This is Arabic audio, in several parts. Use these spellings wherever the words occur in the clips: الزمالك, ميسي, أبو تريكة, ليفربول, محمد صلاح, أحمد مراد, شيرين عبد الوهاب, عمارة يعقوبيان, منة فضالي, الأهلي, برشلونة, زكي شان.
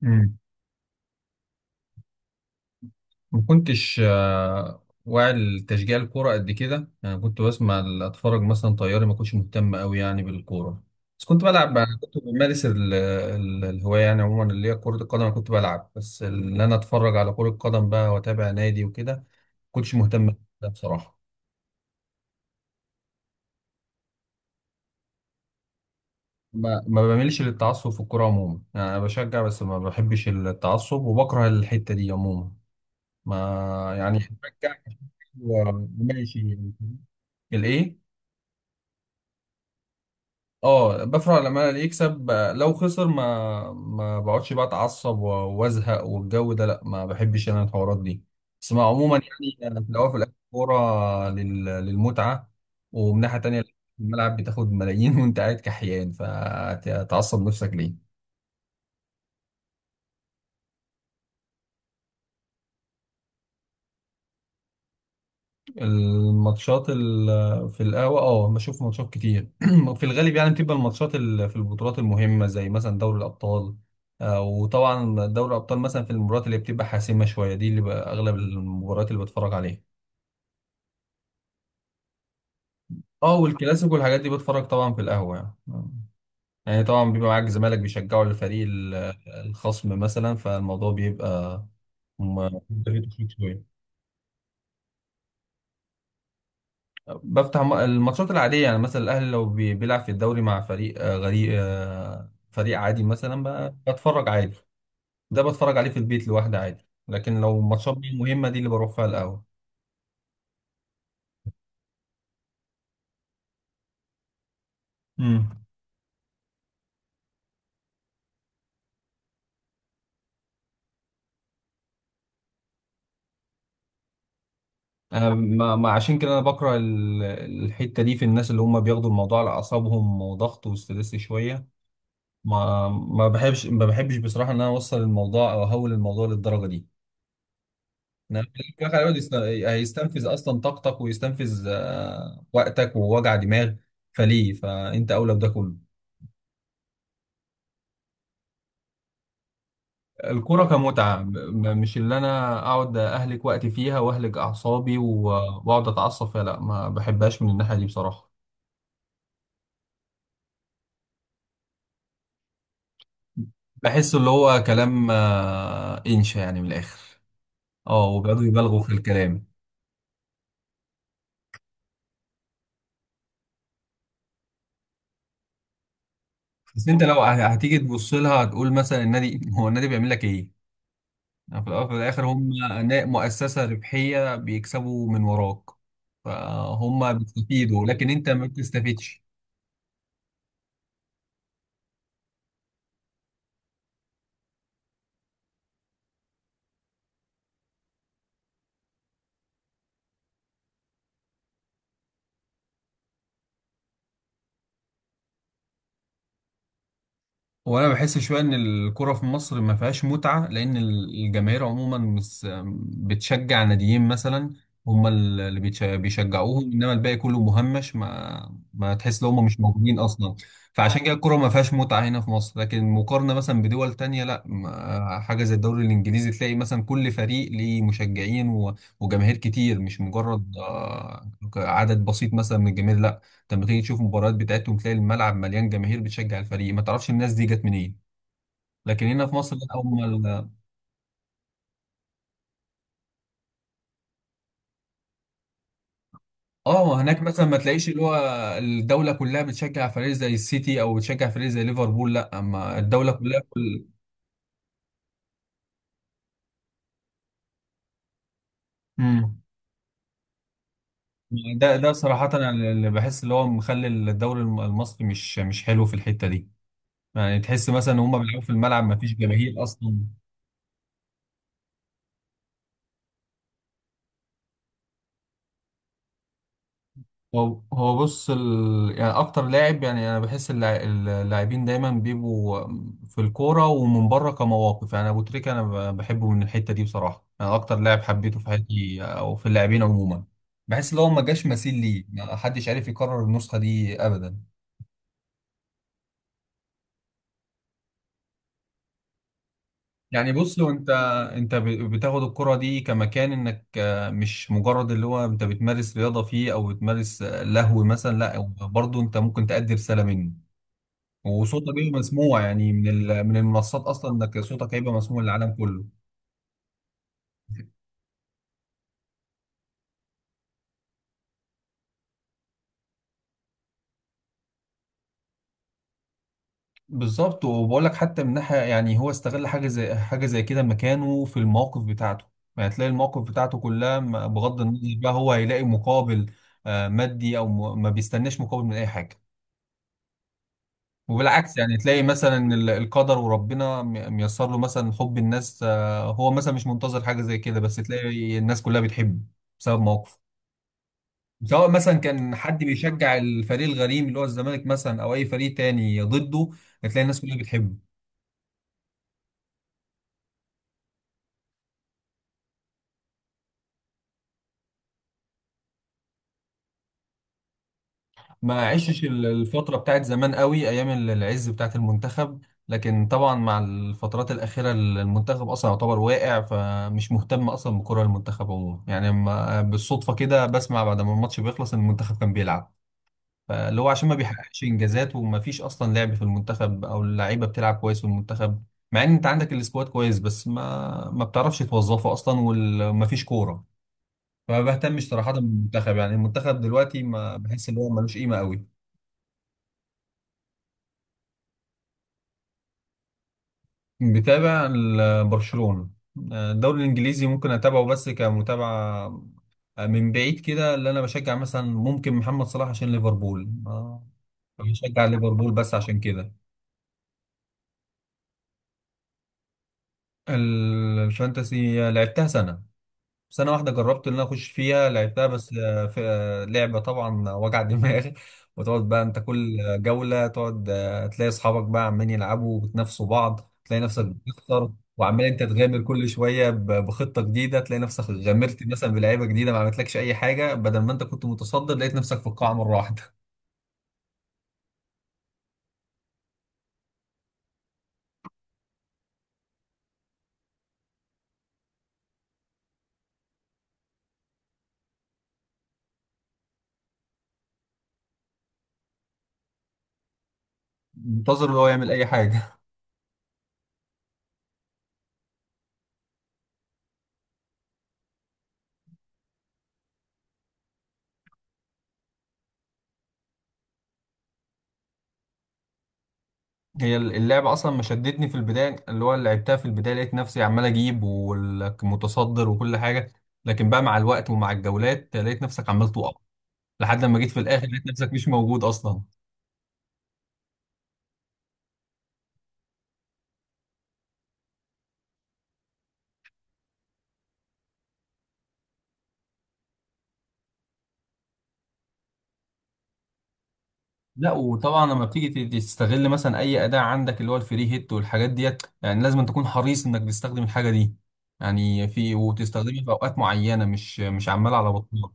مم. ما كنتش واعي لتشجيع الكورة قد كده، يعني كنت بسمع اتفرج مثلا طياري. ما كنتش مهتم قوي يعني بالكورة، بس كنت بلعب كنت بمارس الهواية يعني عموما اللي هي كرة القدم. أنا كنت بلعب بس اللي انا اتفرج على كرة قدم بقى واتابع نادي وكده، ما كنتش مهتم بده بصراحة. ما بعملش للتعصب في الكورة عموما، يعني انا بشجع بس ما بحبش التعصب وبكره الحتة دي عموما. ما يعني بشجع. آه، ماشي. الايه؟ اه، بفرح لما انا اللي يكسب. لو خسر ما بقعدش بقى اتعصب وازهق والجو ده، لا، ما بحبش انا الحوارات دي. بس مع عموما، يعني أنا في الاول وفي الاخر كوره للمتعه. ومن ناحيه تانيه، الملعب بتاخد ملايين وانت قاعد كحيان، فتعصب نفسك ليه؟ الماتشات في القهوة، اه، بشوف ماتشات كتير في الغالب. يعني بتبقى الماتشات في البطولات المهمة، زي مثلا دوري الأبطال. وطبعا دوري الأبطال مثلا، في المباريات اللي بتبقى حاسمة شوية دي، اللي بقى أغلب المباريات اللي بتفرج عليها. اه، والكلاسيكو والحاجات دي بتفرج طبعا في القهوة يعني طبعا بيبقى معاك زمالك بيشجعوا الفريق الخصم مثلا، فالموضوع بيبقى ممتع شوية. بفتح الماتشات العادية، يعني مثلا الأهلي لو بيلعب في الدوري مع فريق غريق فريق عادي مثلا، بتفرج عادي. ده بتفرج عليه في البيت لوحدي عادي، لكن لو ماتشات بقى مهمة دي اللي بروح فيها القهوة. امم. أنا عشان كده أنا بكره الحتة دي في الناس اللي هم بياخدوا الموضوع على أعصابهم وضغط وستريس شوية. ما بحبش بصراحة إن أنا أوصل الموضوع أو أهول الموضوع للدرجة دي. نعم، الفخ هيقعد هيستنفذ اصلا طاقتك ويستنفذ وقتك ووجع دماغ، فليه؟ فانت اولى بده كله. الكرة كمتعة، مش اللي انا اقعد اهلك وقتي فيها واهلك اعصابي واقعد اتعصب فيها، لا، ما بحبهاش من الناحية دي بصراحة. بحس اللي هو كلام انشا يعني من الاخر. اه، وبيقعدوا يبالغوا في الكلام. بس انت لو هتيجي تبص لها، هتقول مثلا النادي هو النادي بيعمل لك ايه؟ يعني في الأول وفي الآخر هم مؤسسة ربحية بيكسبوا من وراك، فهم بيستفيدوا لكن أنت ما بتستفيدش. وانا بحس شويه ان الكره في مصر ما فيهاش متعه، لان الجماهير عموما مس بتشجع ناديين مثلا، هم اللي بيشجعوهم، انما الباقي كله مهمش، ما تحس ان هم مش موجودين اصلا. فعشان كده الكره ما فيهاش متعه هنا في مصر، لكن مقارنه مثلا بدول تانية، لا، حاجه زي الدوري الانجليزي تلاقي مثلا كل فريق ليه مشجعين وجماهير كتير، مش مجرد عدد بسيط مثلا من الجماهير. انت لما تيجي تشوف المباريات بتاعتهم، تلاقي الملعب مليان جماهير بتشجع الفريق، ما تعرفش الناس دي جت منين. لكن هنا في مصر لا، اول ما اه، هناك مثلا ما تلاقيش اللي هو الدوله كلها بتشجع فريق زي السيتي او بتشجع فريق زي ليفربول، لا، اما الدوله كلها مم. ده صراحه انا اللي بحس اللي هو مخلي الدوري المصري مش حلو في الحته دي. يعني تحس مثلا ان هم بيلعبوا في الملعب ما فيش جماهير اصلا. هو بص يعني اكتر لاعب، يعني انا بحس اللاعبين دايما بيبقوا في الكوره ومن بره كمواقف. يعني ابو تريكه انا بحبه من الحته دي بصراحه، انا اكتر لاعب حبيته في حياتي او في اللاعبين عموما. بحس ان هو ما جاش مثيل ليه، ما حدش عارف يكرر النسخه دي ابدا. يعني بص، هو انت بتاخد الكره دي كمكان انك مش مجرد اللي هو انت بتمارس رياضه فيه او بتمارس لهو مثلا، لا، برضه انت ممكن تأدي رساله منه. وصوتك بيبقى مسموع يعني من المنصات اصلا، انك صوتك هيبقى مسموع للعالم كله. بالظبط، وبقول لك حتى من ناحيه يعني، هو استغل حاجه زي كده مكانه في المواقف بتاعته. يعني تلاقي المواقف بتاعته كلها بغض النظر بقى، هو هيلاقي مقابل مادي او ما بيستناش مقابل من اي حاجه. وبالعكس يعني، تلاقي مثلا القدر وربنا ميسر له مثلا حب الناس. هو مثلا مش منتظر حاجه زي كده، بس تلاقي الناس كلها بتحبه بسبب مواقفه. سواء مثلا كان حد بيشجع الفريق الغريم اللي هو الزمالك مثلا، او اي فريق تاني ضده، هتلاقي الناس كلها بتحبه. ما عشش الفتره بتاعت زمان قوي، ايام العز بتاعت المنتخب. لكن طبعا مع الفترات الاخيره، المنتخب اصلا يعتبر واقع، فمش مهتم اصلا بكره المنتخب عموما. يعني بالصدفه كده بسمع بعد ما الماتش بيخلص ان المنتخب كان بيلعب، فاللي هو عشان ما بيحققش انجازات، وما فيش اصلا لعب في المنتخب او اللعيبه بتلعب كويس في المنتخب. مع ان انت عندك السكواد كويس، بس ما بتعرفش توظفه اصلا، وما فيش كوره. فما بهتمش صراحه بالمنتخب، يعني المنتخب دلوقتي ما بحس ان هو ملوش قيمه قوي. بتابع برشلونه. الدوري الانجليزي ممكن اتابعه بس كمتابعه من بعيد كده. اللي انا بشجع مثلا ممكن محمد صلاح عشان ليفربول، بشجع ليفربول بس عشان كده. الفانتسي لعبتها سنة واحدة، جربت إن أنا أخش فيها. لعبتها بس في لعبة طبعا وجع دماغ وتقعد بقى أنت كل جولة تقعد تلاقي أصحابك بقى عمالين يلعبوا وبتنافسوا بعض، تلاقي نفسك بتخسر. وعمال أنت تغامر كل شوية بخطة جديدة، تلاقي نفسك غامرت مثلا بلعيبة جديدة ما عملتلكش أي حاجة، بدل ما أنت كنت متصدر لقيت نفسك في القاع مرة واحدة منتظر اللي هو يعمل أي حاجة. هي اللعبة أصلا ما شدتني في البداية، اللي هو لعبتها في البداية لقيت نفسي عمال أجيب والمتصدر وكل حاجة، لكن بقى مع الوقت ومع الجولات لقيت نفسك عمال تقع، لحد لما جيت في الآخر لقيت نفسك مش موجود أصلا. لا، وطبعا لما بتيجي تستغل مثلا أي أداة عندك، اللي هو الفري هيت والحاجات ديت، يعني لازم تكون حريص إنك تستخدم الحاجة دي يعني في، وتستخدمها في أوقات معينة مش عمال على بطال.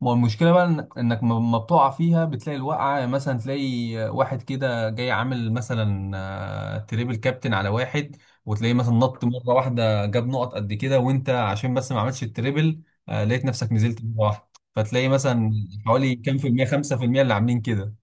ما هو المشكلة بقى انك ما بتقع فيها، بتلاقي الوقعة يعني مثلا، تلاقي واحد كده جاي عامل مثلا تريبل كابتن على واحد، وتلاقيه مثلا نط مرة واحدة جاب نقط قد كده، وانت عشان بس ما عملتش التريبل لقيت نفسك نزلت مرة واحدة. فتلاقي مثلا حوالي كام في المية، 5% اللي عاملين كده.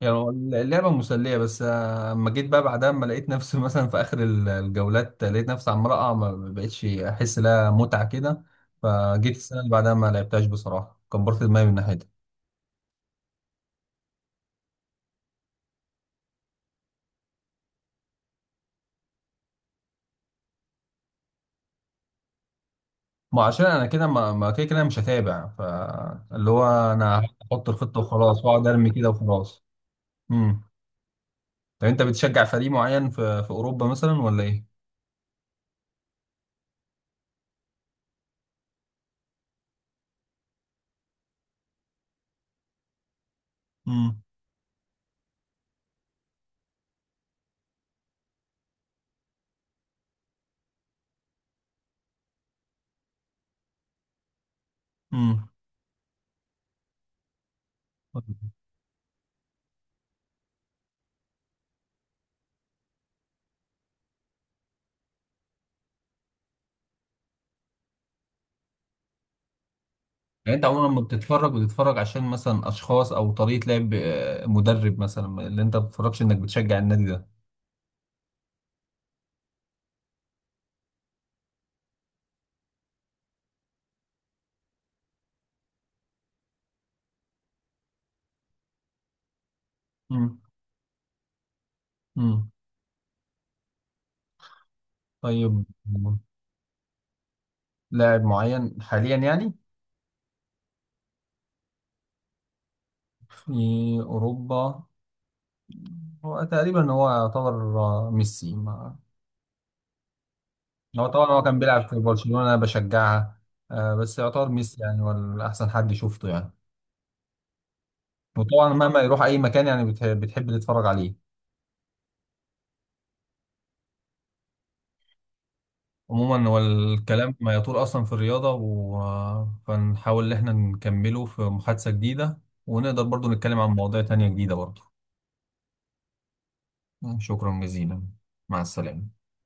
يعني هو اللعبة مسلية، بس اما جيت بقى بعدها، اما لقيت نفسي مثلا في اخر الجولات لقيت نفسي عمال اقع، ما بقتش احس لها متعة كده. فجيت السنة اللي بعدها ما لعبتهاش بصراحة، كبرت دماغي من ناحيتها. ما عشان انا كده ما كده كده مش هتابع، فاللي هو انا هحط الخطة وخلاص واقعد ارمي كده وخلاص. امم. طب انت بتشجع فريق معين في اوروبا مثلا ولا ايه؟ امم. امم. يعني انت عموما لما بتتفرج، بتتفرج عشان مثلا اشخاص او طريقه لعب، مدرب مثلا، اللي انت ما بتتفرجش انك بتشجع النادي ده. امم. امم. طيب. لاعب معين حاليا يعني في اوروبا. هو تقريبا هو يعتبر ميسي هو طبعا هو كان بيلعب في برشلونه انا بشجعها. بس يعتبر ميسي، يعني هو احسن حد شفته يعني. وطبعا مهما يروح اي مكان، يعني بتحب تتفرج عليه. عموما هو الكلام ما يطول اصلا في الرياضه فنحاول ان احنا نكمله في محادثه جديده، ونقدر برضو نتكلم عن مواضيع تانية جديده برضو. شكرا جزيلا. مع السلامه.